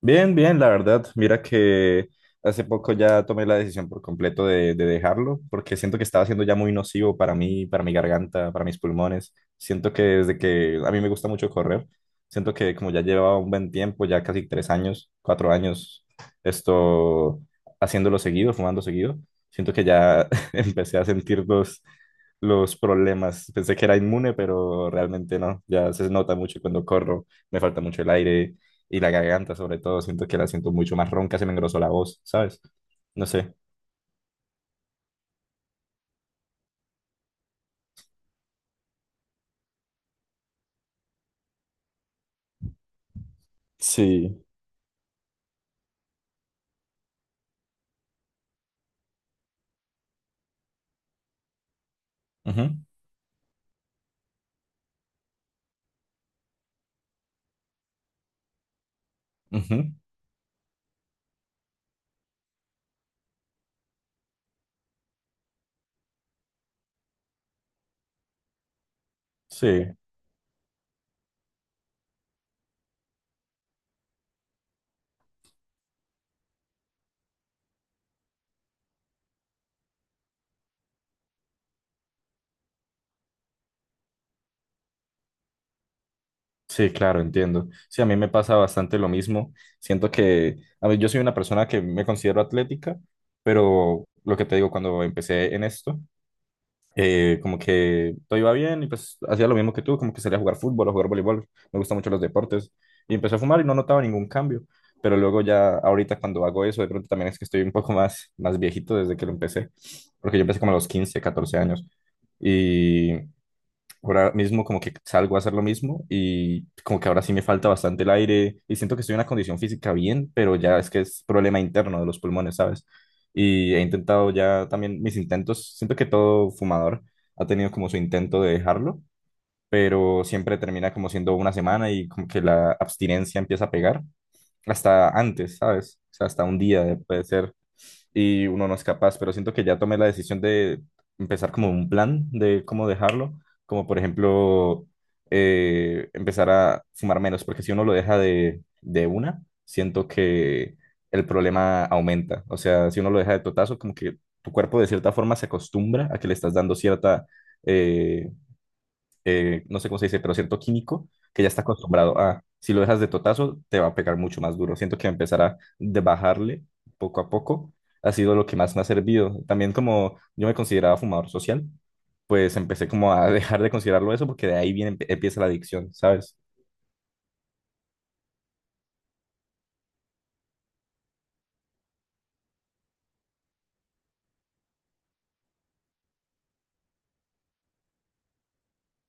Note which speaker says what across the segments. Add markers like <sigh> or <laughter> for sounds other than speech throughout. Speaker 1: Bien, bien, la verdad. Mira que hace poco ya tomé la decisión por completo de dejarlo, porque siento que estaba siendo ya muy nocivo para mí, para mi garganta, para mis pulmones. Siento que desde que a mí me gusta mucho correr, siento que como ya llevaba un buen tiempo, ya casi 3 años, 4 años, esto haciéndolo seguido, fumando seguido, siento que ya <laughs> empecé a sentir los problemas. Pensé que era inmune, pero realmente no. Ya se nota mucho cuando corro, me falta mucho el aire y la garganta, sobre todo, siento que la siento mucho más ronca, se me engrosó la voz, ¿sabes? No sé. Sí. Ujú, ujú. Sí, sí, claro, entiendo. Sí, a mí me pasa bastante lo mismo. Siento que, a ver, yo soy una persona que me considero atlética, pero lo que te digo, cuando empecé en esto, como que todo iba bien y pues hacía lo mismo que tú, como que salía a jugar fútbol o jugar voleibol, me gustan mucho los deportes y empecé a fumar y no notaba ningún cambio, pero luego ya ahorita cuando hago eso de pronto también es que estoy un poco más viejito desde que lo empecé, porque yo empecé como a los 15 14 años y ahora mismo como que salgo a hacer lo mismo y como que ahora sí me falta bastante el aire y siento que estoy en una condición física bien, pero ya es que es problema interno de los pulmones, ¿sabes? Y he intentado ya también mis intentos, siento que todo fumador ha tenido como su intento de dejarlo, pero siempre termina como siendo una semana y como que la abstinencia empieza a pegar hasta antes, ¿sabes? O sea, hasta un día puede ser y uno no es capaz, pero siento que ya tomé la decisión de empezar como un plan de cómo dejarlo, como por ejemplo empezar a fumar menos, porque si uno lo deja de una, siento que el problema aumenta, o sea, si uno lo deja de totazo, como que tu cuerpo de cierta forma se acostumbra a que le estás dando cierta... eh, no sé cómo se dice, pero cierto químico que ya está acostumbrado a, si lo dejas de totazo, te va a pegar mucho más duro. Siento que empezar a de bajarle poco a poco ha sido lo que más me ha servido. También como yo me consideraba fumador social, pues empecé como a <laughs> dejar de considerarlo eso porque de ahí viene, empieza la adicción, ¿sabes?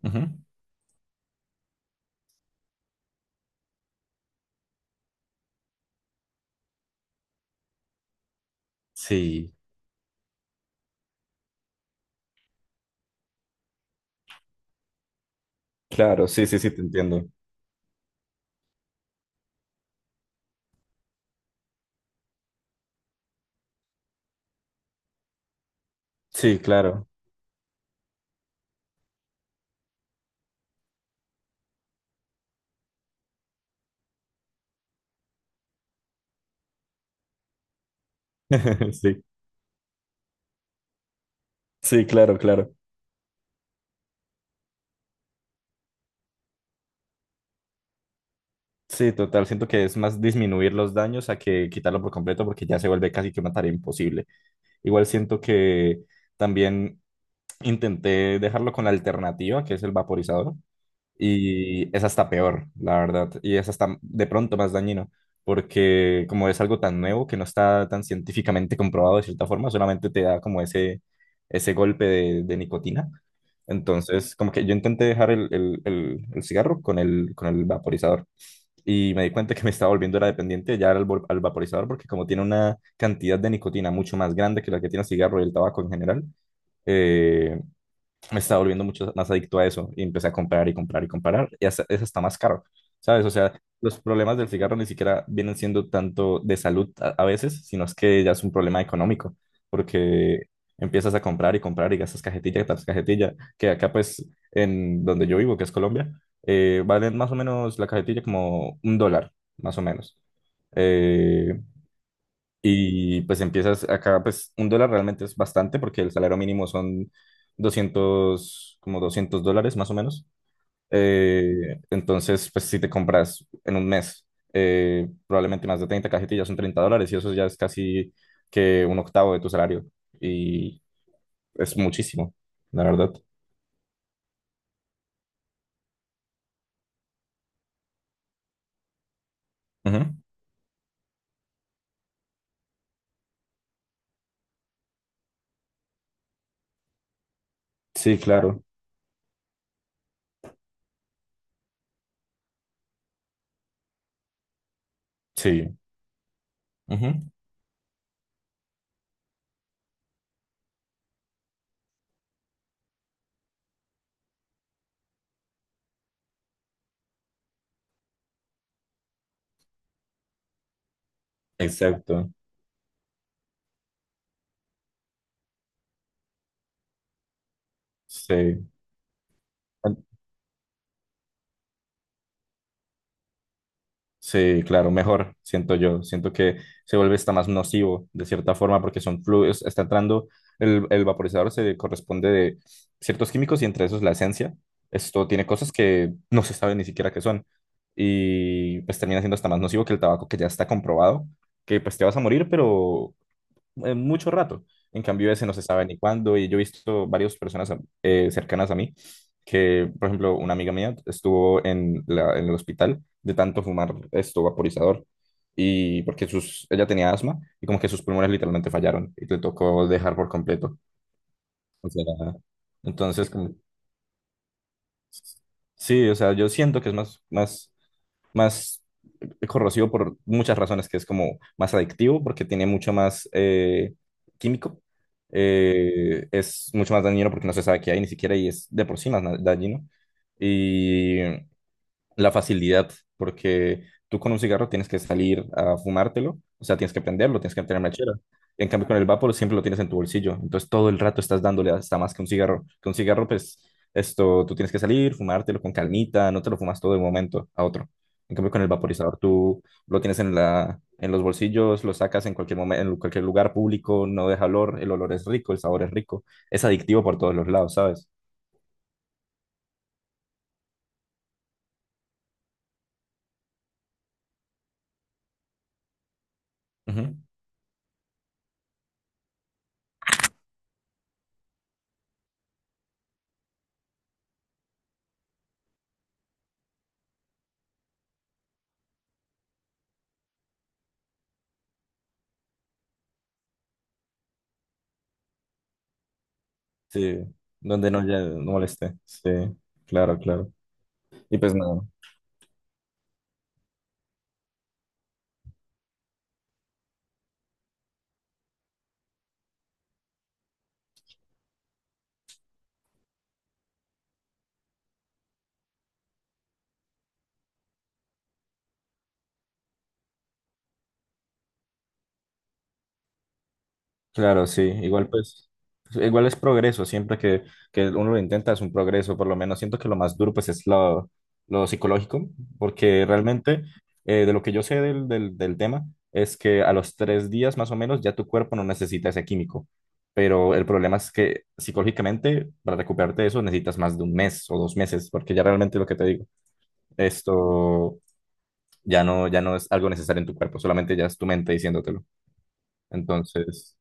Speaker 1: Ujú. Sí, claro, sí, sí, sí, te entiendo. Sí, claro, <laughs> sí, sí, claro, claro. Sí, total, siento que es más disminuir los daños a que quitarlo por completo porque ya se vuelve casi que una tarea imposible. Igual siento que también intenté dejarlo con la alternativa, que es el vaporizador, y es hasta peor, la verdad, y es hasta de pronto más dañino, porque como es algo tan nuevo que no está tan científicamente comprobado de cierta forma, solamente te da como ese golpe de nicotina. Entonces, como que yo intenté dejar el cigarro con el vaporizador y me di cuenta que me estaba volviendo era dependiente ya al vaporizador porque como tiene una cantidad de nicotina mucho más grande que la que tiene el cigarro y el tabaco en general, eh, me estaba volviendo mucho más adicto a eso y empecé a comprar y comprar y comprar y hasta, es hasta más caro, ¿sabes? O sea, los problemas del cigarro ni siquiera vienen siendo tanto de salud a veces, sino es que ya es un problema económico, porque empiezas a comprar y comprar y gastas cajetilla tras cajetilla, que acá pues en donde yo vivo, que es Colombia, valen más o menos la cajetilla como $1, más o menos. Eh, y pues empiezas acá, pues $1 realmente es bastante porque el salario mínimo son 200 como $200 más o menos. Entonces, pues si te compras en un mes probablemente más de 30 cajetillas son $30 y eso ya es casi que un octavo de tu salario. Y es muchísimo, la verdad. Ujú. Sí, claro. Sí. Ujú. Exacto. Sí. Sí, claro, mejor, siento yo. Siento que se vuelve hasta más nocivo de cierta forma porque son fluidos, está entrando, el vaporizador se corresponde de ciertos químicos y entre esos la esencia. Esto tiene cosas que no se sabe ni siquiera qué son y pues termina siendo hasta más nocivo que el tabaco que ya está comprobado, que pues te vas a morir, pero mucho rato. En cambio, ese no se sabe ni cuándo. Y yo he visto varias personas cercanas a mí que, por ejemplo, una amiga mía estuvo en el hospital de tanto fumar esto vaporizador. Y porque ella tenía asma y como que sus pulmones literalmente fallaron y le tocó dejar por completo. O sea, entonces, como, sí, o sea, yo siento que es más, más, más es corrosivo por muchas razones, que es como más adictivo porque tiene mucho más químico, es mucho más dañino porque no se sabe qué hay ni siquiera y es de por sí más dañino. Y la facilidad, porque tú con un cigarro tienes que salir a fumártelo, o sea, tienes que prenderlo, tienes que tener mechera. En cambio, con el vapor siempre lo tienes en tu bolsillo, entonces todo el rato estás dándole hasta más que un cigarro. Con un cigarro, pues, tú tienes que salir, fumártelo con calmita, no te lo fumas todo de un momento a otro. En cambio, con el vaporizador tú lo tienes en la, en los bolsillos, lo sacas en cualquier momento, en cualquier lugar público, no deja olor, el olor es rico, el sabor es rico, es adictivo por todos los lados, ¿sabes? Ujú. Sí, donde no, ya no moleste. Sí, claro, claro. Y pues nada, claro, sí. Igual pues, igual es progreso. Siempre que uno lo intenta es un progreso. Por lo menos siento que lo más duro pues es lo psicológico, porque realmente de lo que yo sé del tema es que a los 3 días más o menos ya tu cuerpo no necesita ese químico. Pero el problema es que psicológicamente para recuperarte de eso necesitas más de un mes o 2 meses, porque ya realmente lo que te digo, esto... ya no, ya no es algo necesario en tu cuerpo, solamente ya es tu mente diciéndotelo. Entonces,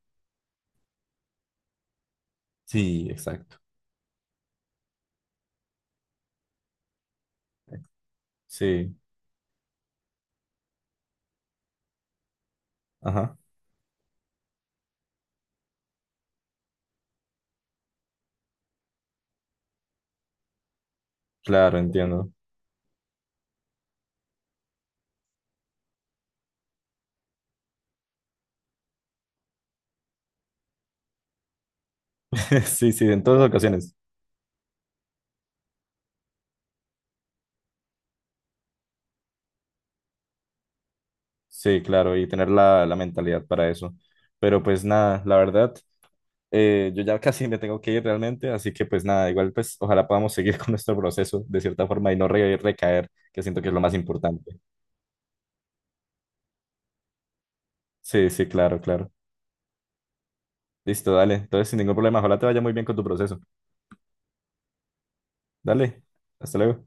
Speaker 1: sí, exacto. Sí, ajá, claro, entiendo. <laughs> Sí, sí, en todas ocasiones. Sí, claro, y tener la mentalidad para eso. Pero pues nada, la verdad, yo ya <laughs> casi me tengo que ir realmente, así que pues nada, igual pues ojalá podamos seguir <laughs> con nuestro proceso de cierta forma y no recaer, que siento que es lo más importante. Sí, sí, claro, claro. Listo, dale. Entonces, sin ningún problema, ojalá te vaya muy bien con tu proceso. Dale, hasta luego.